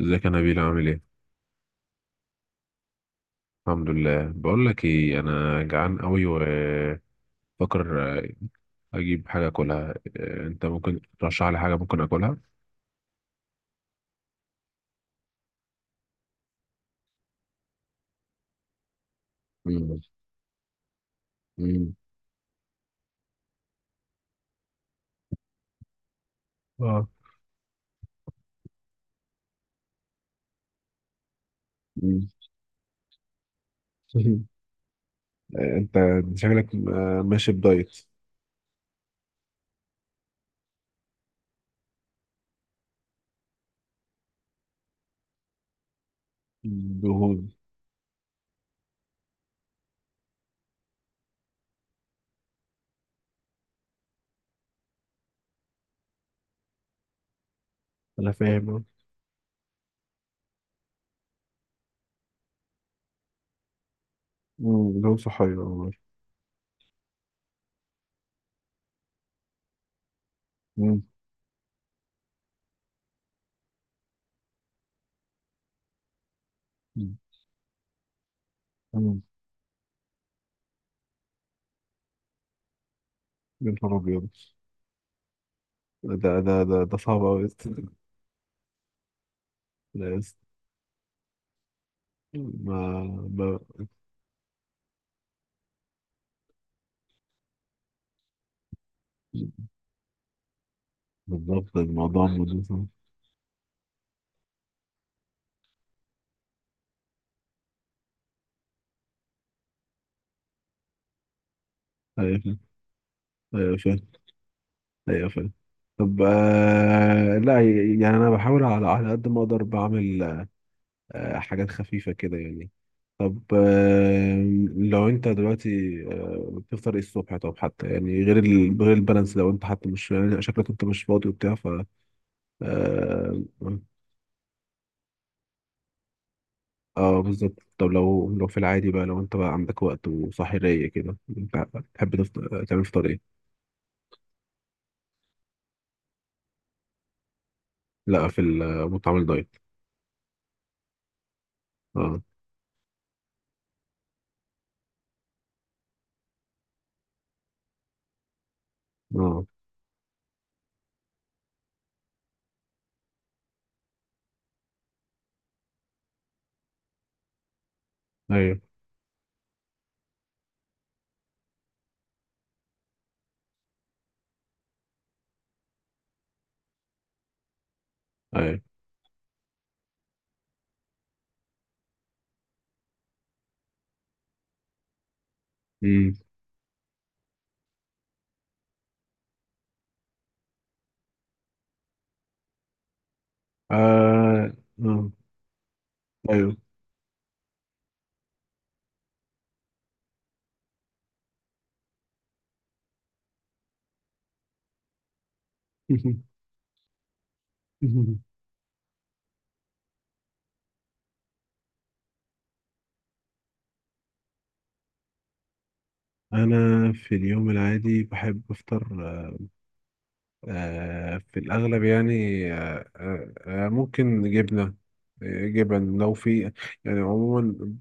ازيك يا نبيل عامل ايه؟ الحمد لله، بقول لك ايه، انا جعان قوي وفكر اجيب حاجه اكلها إيه، انت ممكن ترشح لي حاجه ممكن اكلها؟ مم. مم. اه. مم. انت شكلك ماشي بدايت. دهون. انا فاهم اه. مم. دهون صحية والله. مم. مم. مم. يا نهار أبيض. ده صعب أوي. لا يس- ما ما بالظبط، الموضوع مدوس. أيوة. أيوة. ايوه فاهم. طب آه، لا يعني انا بحاول على قد ما اقدر بعمل حاجات خفيفه كده يعني. طب آه، لو انت دلوقتي بتفطر ايه الصبح؟ طب حتى يعني غير البالانس، لو انت حتى مش يعني شكلك انت مش فاضي وبتاع، ف اه, آه بالظبط. طب لو في العادي بقى، لو انت بقى عندك وقت وصاحي رايق كده، انت تحب تفطر تعمل فطار ايه؟ لا في ال- مطعم الدايت. اه. اه. ايوه. ايوه. آه. آه. أيوه. أنا في اليوم العادي بحب أفطر آه، في الأغلب يعني. آه. آه. آه، ممكن جبنة، آه، جبن لو في. يعني عموما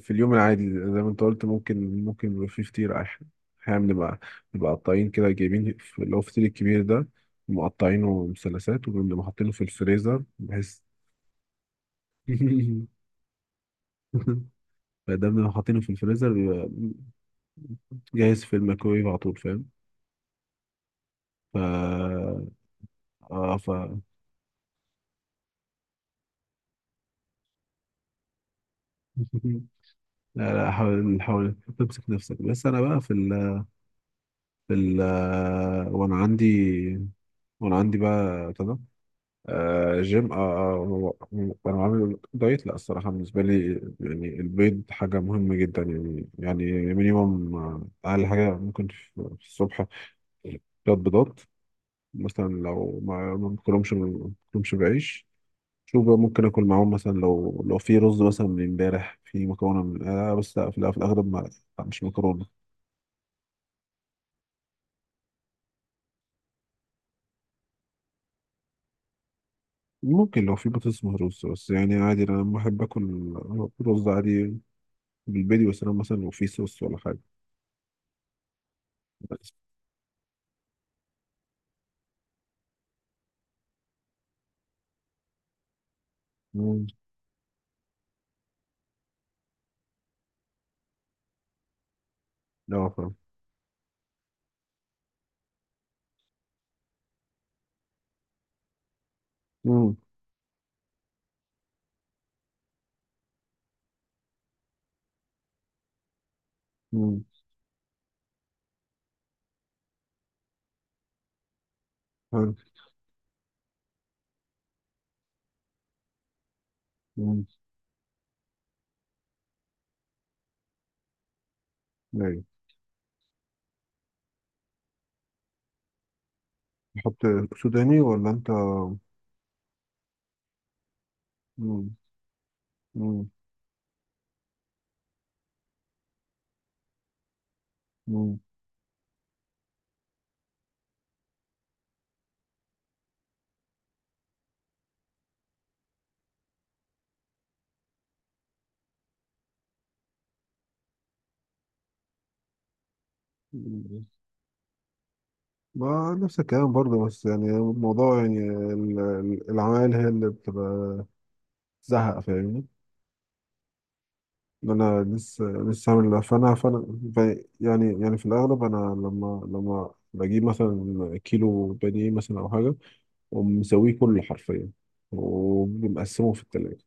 في اليوم العادي، زي ما أنت قلت، ممكن يبقى أحيانا بنبقى قطعين كده اللي هو الفطير الكبير ده، مقطعينه مثلثات، وبنبقى حاطينه في الفريزر بحيث. فده بنبقى حاطينه في الفريزر جاهز في الميكرويف على طول، فاهم. ف اه ف. لا لا، حاول، تمسك نفسك. بس انا بقى في ال في ال وانا عندي، بقى ابتدى. آه، جيم. آه، وانا عامل دايت. لا الصراحه بالنسبه لي، يعني البيض حاجه مهمه جدا يعني، مينيموم، آه، اقل حاجه ممكن في الصبح ثلاث بيضات. مثلا لو ما باكلهمش بعيش. شوف بقى، ممكن اكل معاهم مثلا لو في رز، مثلا من امبارح في مكرونه من آه، بس لا في الأغ- في الاغلب ما. لا، مش مكرونه. ممكن لو في بطاطس مهروسه، بس يعني عادي انا لما بحب اكل رز عادي بالبيض، بس انا مثلا لو في صوص ولا حاجه بس. مم. لا فاهم. مم. مم. حلو. مم. ايوه. تحط سوداني ولا انت؟ مم. مم. مم. مم. ما نفس الكلام برضه، بس يعني الموضوع يعني، العمايل هي اللي بتبقى زهق، فاهمني. إن انا لسه عامل ده. يعني في الاغلب انا لما بجيب مثلا كيلو بانيه مثلا او حاجه، ومسويه كله حرفيا ومقسمه في التلاجة.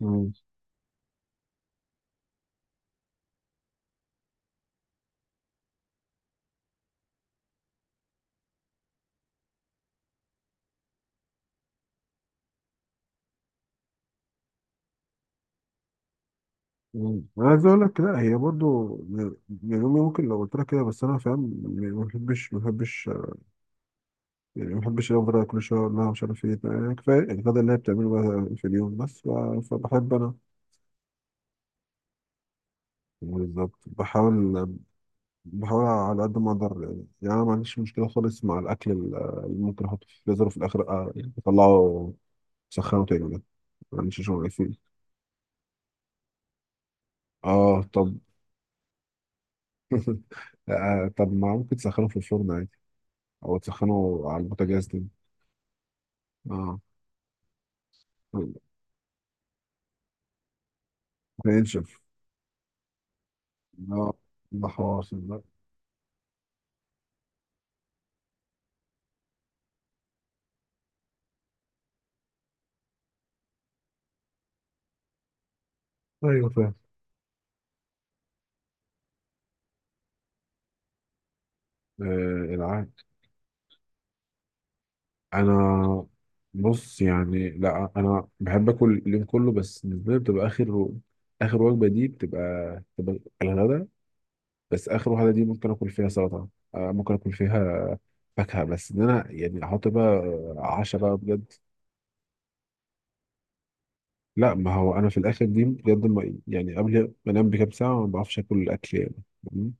مم. مم. انا عايز اقول لك، لا هي برضو يعني امي ممكن لو قلت لها كده، بس انا فاهم يعني، ما بحبش يعني، ما بحبش افضل كل شويه اقول لها مش عارف ايه، يعني كفايه الغدا اللي هي بتعمله بقى في اليوم بس، فبحب انا. بالظبط. بحاول على قد ما اقدر، يعني انا ما عنديش مشكله خالص مع اللي ممكن احطه في الفريزر، وفي الاخر يعني اطلعه سخنه تاني، ده ما عنديش شغل فيه. اه طب. آه، طب ما ممكن تسخنه في الفرن عادي، او تسخنه على البوتاجاز تاني. اه، ينشف. اه، ده حوار ده. ايوه فاهم. آه العاد، انا بص يعني، لا انا بحب اكل اليوم كله، بس بالنسبه لي بتبقى اخر وجبه دي بتبقى الغدا، بس اخر واحده دي ممكن اكل فيها سلطه، آه، ممكن اكل فيها فاكهه، بس ان انا يعني احط بقى عشاء بقى بجد. لا ما هو انا في الاخر دي بجد ما يعني قبل ما انام بكام ساعه ما بعرفش اكل الاكل يعني. مم.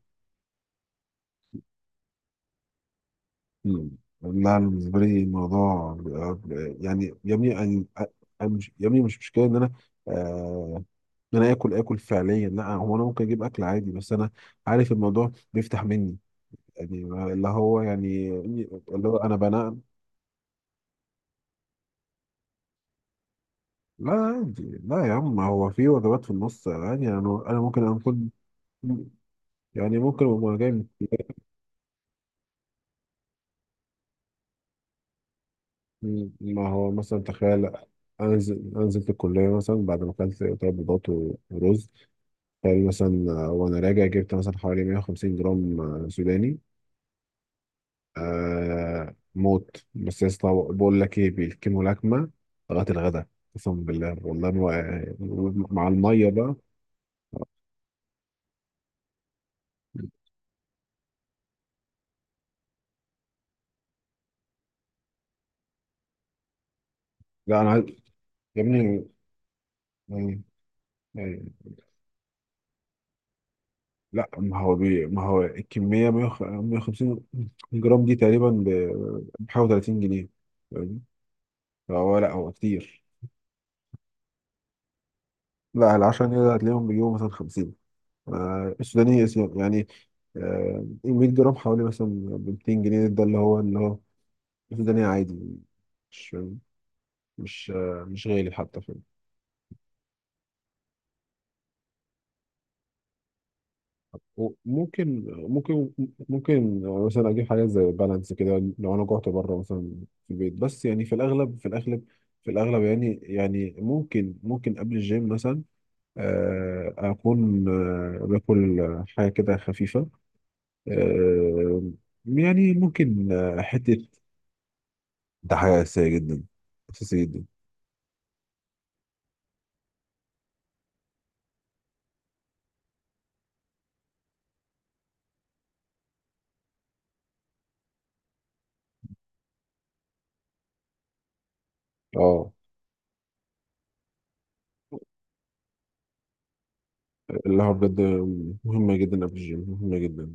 مم. لا أنا بالنسبه لي يعني يا ابني أنا مش يا ابني، مش مشكله ان انا آه ان انا اكل اكل فعليا، لا هو انا ممكن اجيب اكل عادي، بس انا عارف الموضوع بيفتح مني يعني، اللي هو يعني اللي هو انا بنام. لا عادي، لا يا عم، هو في وجبات في النص عادي، يعني انا ممكن اكون يعني، ممكن ابقى جاي من الكلية، ما هو مثلا تخيل، انزل الكليه مثلا بعد ما اكلت ثلاث بيضات ورز، تخيل مثلا آه، وانا راجع جبت مثلا حوالي 150 جرام آه، سوداني. آه، موت. بس يا اسطى بقول لك ايه، بيكموا لكمه لغايه الغدا، قسما بالله والله ما، مع الميه بقى. لا انا عايز يا ابني يعني. يعني لا ما هو بي... ما هو الكمية 150 جرام دي تقريبا بحوالي 30 جنيه، فاهم؟ فهو لا هو كتير. لا ال 10 جنيه ده هتلاقيهم بيجيبوا مثلا 50، يعني آه، 100 جرام حوالي، مثلا ب 200 جنيه، ده اللي هو السوداني عادي، مش مش آه، مش غالي حتى. ممكن. ممكن مثلا اجيب حاجات زي بالانس كده لو انا جعت بره مثلا، في البيت بس، يعني في الاغلب يعني، ممكن قبل الجيم مثلا آه، اكون آه، باكل حاجه كده خفيفه، آه، يعني ممكن آه، حته. ده حاجة أساسية جدا، اساسيه جدا. اه، اللي هو بجد مهمه جدا قبل الجيم، مهمه جدا.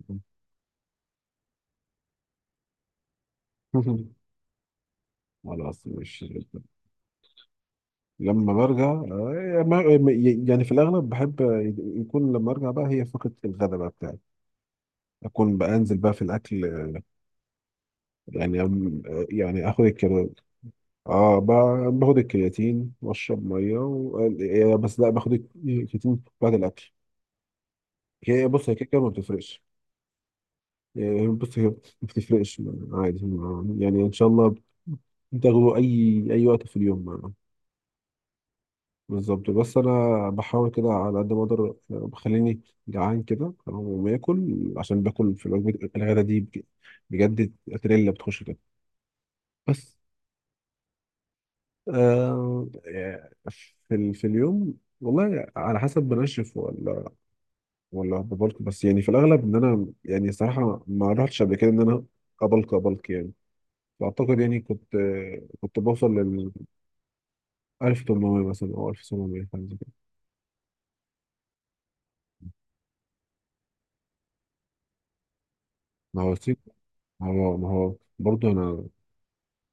خلاص، مش. لما برجع يعني في الاغلب بحب يكون لما ارجع بقى، هي فقره الغداء بقى بتاعي، اكون بقى انزل بقى في الاكل، آه، يعني آه، يعني اخد الكرياتين. اه، باخد الكرياتين واشرب ميه و... آه، آه، بس لا باخد الكرياتين بعد الاكل. هي بص هي كده كده ما بتفرقش. يعني بص هي ما بتفرقش عادي، يعني ان شاء الله بتاخده اي وقت في اليوم. بالظبط. بس انا بحاول كده على قد ما اقدر آه، بخليني جعان كده تمام، وما اكل عشان باكل في الوجبه الغدا دي بجد، تريلا بتخش كده. بس آه، آه، في اليوم والله على حسب، بنشف ولا ببلك، بس يعني في الاغلب ان انا يعني صراحه ما رحتش قبل كده ان انا ابلك يعني. فاعتقد يعني كنت بوصل لل 1800 مثلا او 1700، حاجه زي كده. ما هو سيك- ما هو برضه انا.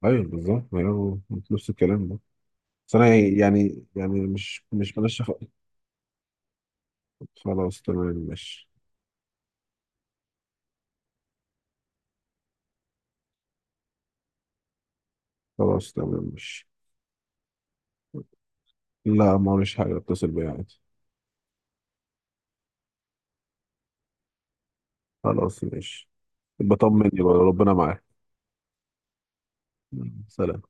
ايوه بالظبط، ما هو نفس الكلام ده، بس انا يعني، يعني مش بنشف. خلاص تمام ماشي. خلاص تمام ماشي. لا ما هوش حاجة، اتصل بيها عادي. خلاص ماشي. بطمني بقى، ربنا معاك. سلام.